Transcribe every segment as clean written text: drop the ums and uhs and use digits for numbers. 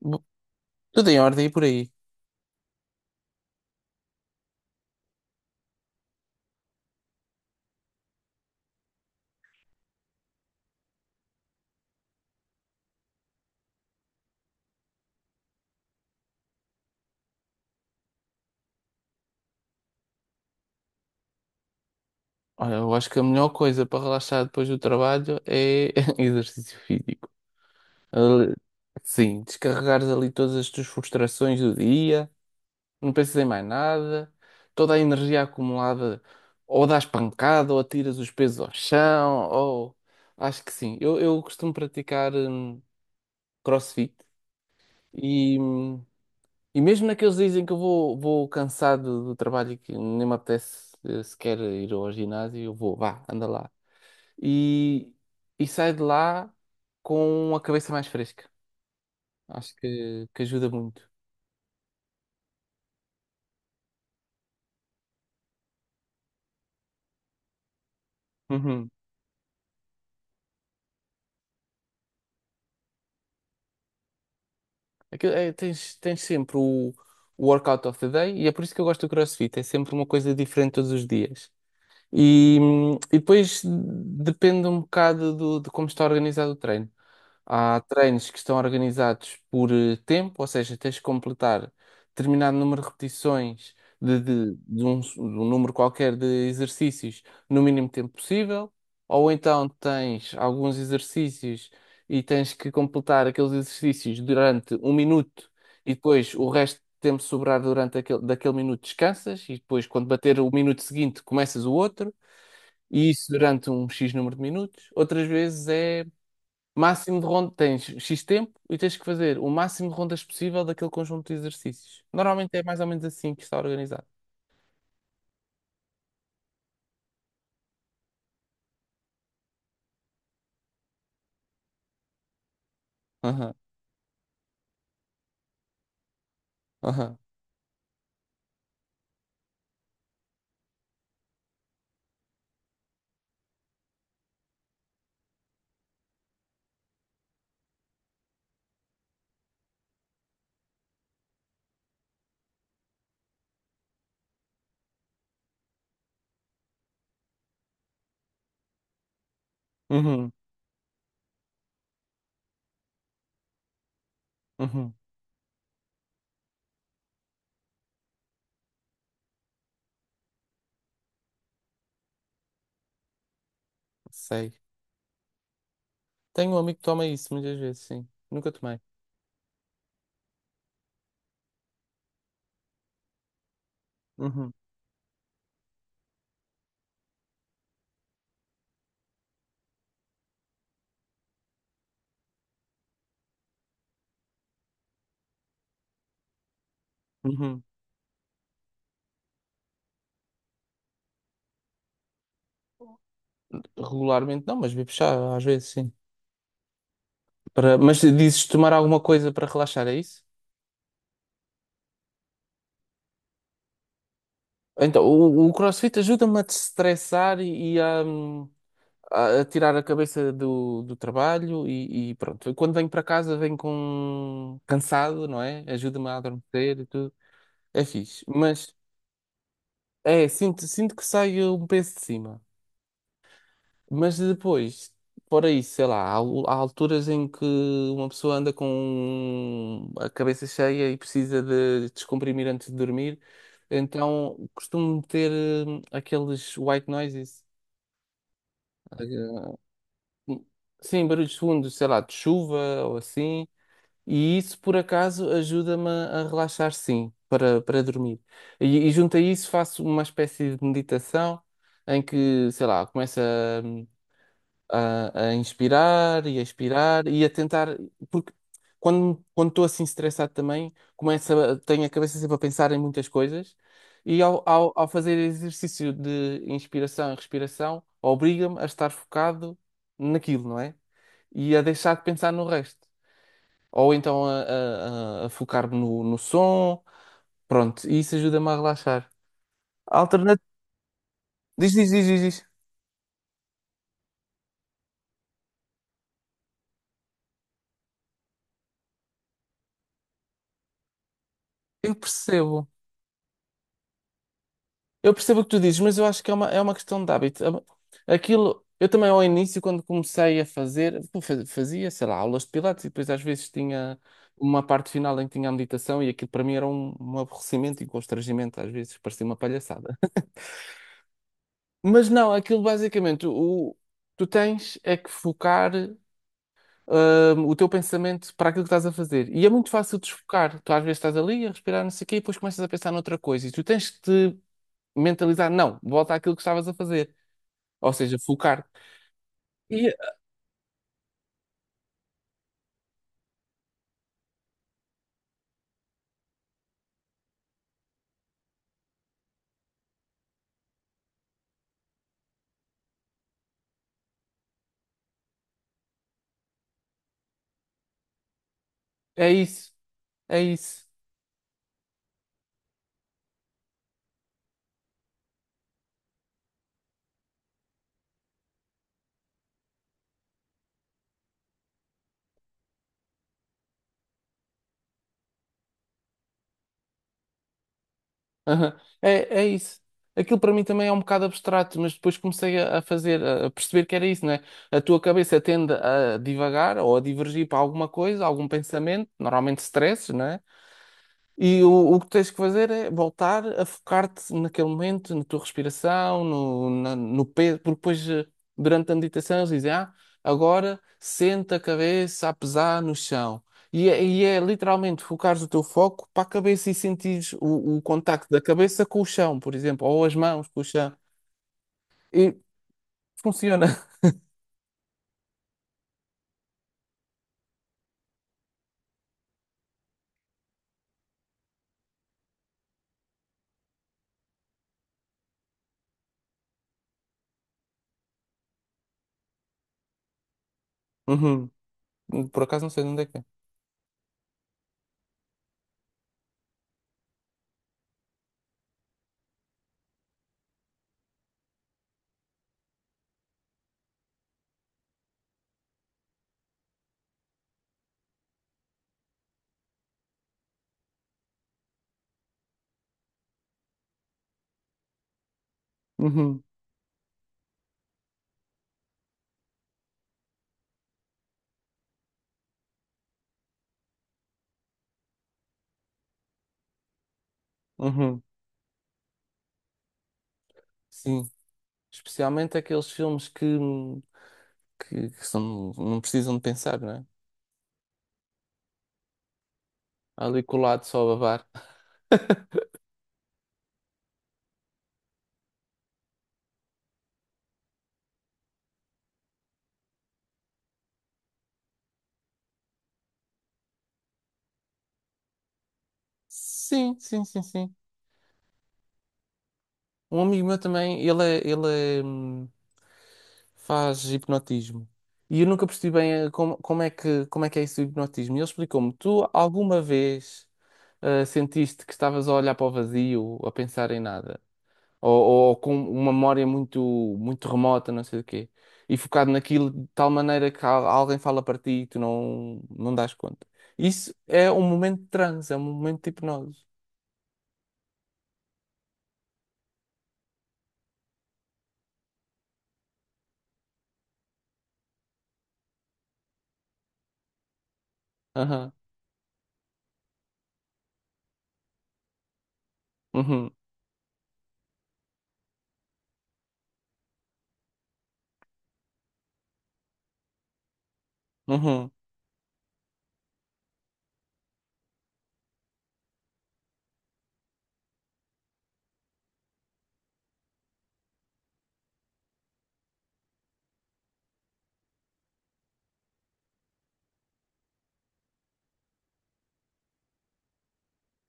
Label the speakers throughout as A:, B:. A: Bo- Tudo em ordem e por aí. Olha, eu acho que a melhor coisa para relaxar depois do trabalho é exercício físico. Ali- Sim, descarregares ali todas as tuas frustrações do dia, não pensas em mais nada, toda a energia acumulada, ou dás pancada, ou atiras os pesos ao chão, ou acho que sim. Eu costumo praticar CrossFit e, e mesmo naqueles dias em que eu vou cansado do trabalho e que nem me apetece sequer ir ao ginásio, eu vou, vá, anda lá. E, e saio de lá com a cabeça mais fresca. Acho que ajuda muito. Uhum. Aquilo, é, tens sempre o workout of the day e é por isso que eu gosto do CrossFit. É sempre uma coisa diferente todos os dias. E, e depois depende um bocado do, de como está organizado o treino. Há treinos que estão organizados por tempo, ou seja, tens que completar determinado número de repetições de um número qualquer de exercícios no mínimo tempo possível, ou então tens alguns exercícios e tens que completar aqueles exercícios durante um minuto e depois o resto tempo sobrar durante aquele, daquele minuto descansas e depois, quando bater o minuto seguinte, começas o outro, e isso durante um X número de minutos. Outras vezes é máximo de rondas, tens X tempo e tens que fazer o máximo de rondas possível daquele conjunto de exercícios. Normalmente é mais ou menos assim que está organizado. Aham, aham, uhum, uhum, sei. Tenho um amigo que toma isso muitas vezes, sim. Nunca tomei. Uhum, uhum. Regularmente não, mas bebo chá às vezes, sim. Para... Mas dizes tomar alguma coisa para relaxar, é isso? Então, o CrossFit ajuda-me a destressar e a, a tirar a cabeça do, do trabalho e pronto. Quando venho para casa venho com cansado, não é? Ajuda-me a adormecer e tudo. É fixe. Mas é, sinto que saio um peso de cima. Mas depois, fora isso, sei lá, há alturas em que uma pessoa anda com a cabeça cheia e precisa de descomprimir antes de dormir. Então costumo ter aqueles white noises. Sim, barulhos fundos, sei lá, de chuva ou assim. E isso, por acaso, ajuda-me a relaxar, sim, para, para dormir. E junto a isso faço uma espécie de meditação em que, sei lá, começa a inspirar e a expirar e a tentar, porque quando estou assim estressado também, começo a, tenho a cabeça sempre a pensar em muitas coisas e ao fazer exercício de inspiração e respiração, obriga-me a estar focado naquilo, não é? E a deixar de pensar no resto. Ou então a focar-me no, no som, pronto, e isso ajuda-me a relaxar. Alternativa. Diz, diz. Eu percebo. Eu percebo o que tu dizes, mas eu acho que é uma questão de hábito. Aquilo, eu também ao início, quando comecei a fazer, pô, fazia, sei lá, aulas de pilates e depois às vezes tinha uma parte final em que tinha a meditação e aquilo para mim era um, um aborrecimento e constrangimento, às vezes parecia uma palhaçada. Mas não, aquilo basicamente, o, tu tens é que focar o teu pensamento para aquilo que estás a fazer. E é muito fácil desfocar. Tu às vezes estás ali a respirar, não sei o quê, e depois começas a pensar noutra coisa. E tu tens que te mentalizar, não, volta àquilo que estavas a fazer. Ou seja, focar e é isso, é isso. Aham, é, é isso. Aquilo para mim também é um bocado abstrato, mas depois comecei a fazer, a perceber que era isso, né? A tua cabeça tende a divagar ou a divergir para alguma coisa, algum pensamento, normalmente stress, né? E o que tens que fazer é voltar a focar-te naquele momento, na tua respiração, no peso, porque depois, durante a meditação, eles dizem, ah, agora senta a cabeça a pesar no chão. E é literalmente focares o teu foco para a cabeça e sentires o contacto da cabeça com o chão, por exemplo, ou as mãos com o chão. E funciona. Uhum. Por acaso não sei de onde é que é. Uhum. Uhum. Sim. Especialmente aqueles filmes que são, não precisam de pensar, não é? Ali colado só a babar. Sim, sim, sim, sim. Um amigo meu também, ele é, faz hipnotismo. E eu nunca percebi bem como, como é que é isso do hipnotismo. E ele explicou-me: tu alguma vez sentiste que estavas a olhar para o vazio, a pensar em nada? Ou, ou com uma memória muito, muito remota, não sei do quê? E focado naquilo de tal maneira que alguém fala para ti e tu não, não dás conta. Isso é um momento de transe, é um momento de hipnose. Uhum, uhum,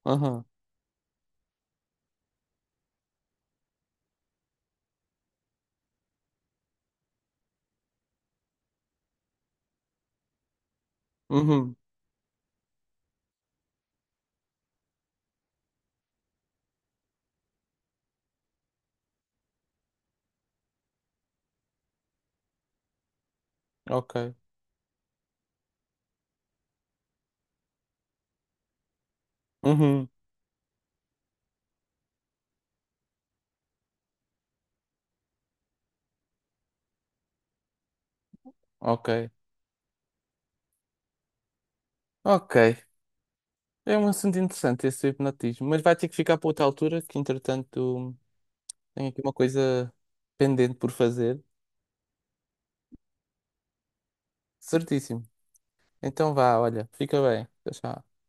A: uhum, uhum, ok, uhum, ok, ok. É um assunto interessante esse do hipnotismo, mas vai ter que ficar para outra altura, que entretanto tenho aqui uma coisa pendente por fazer. Certíssimo. Então vá, olha, fica bem. Tchau, tchau.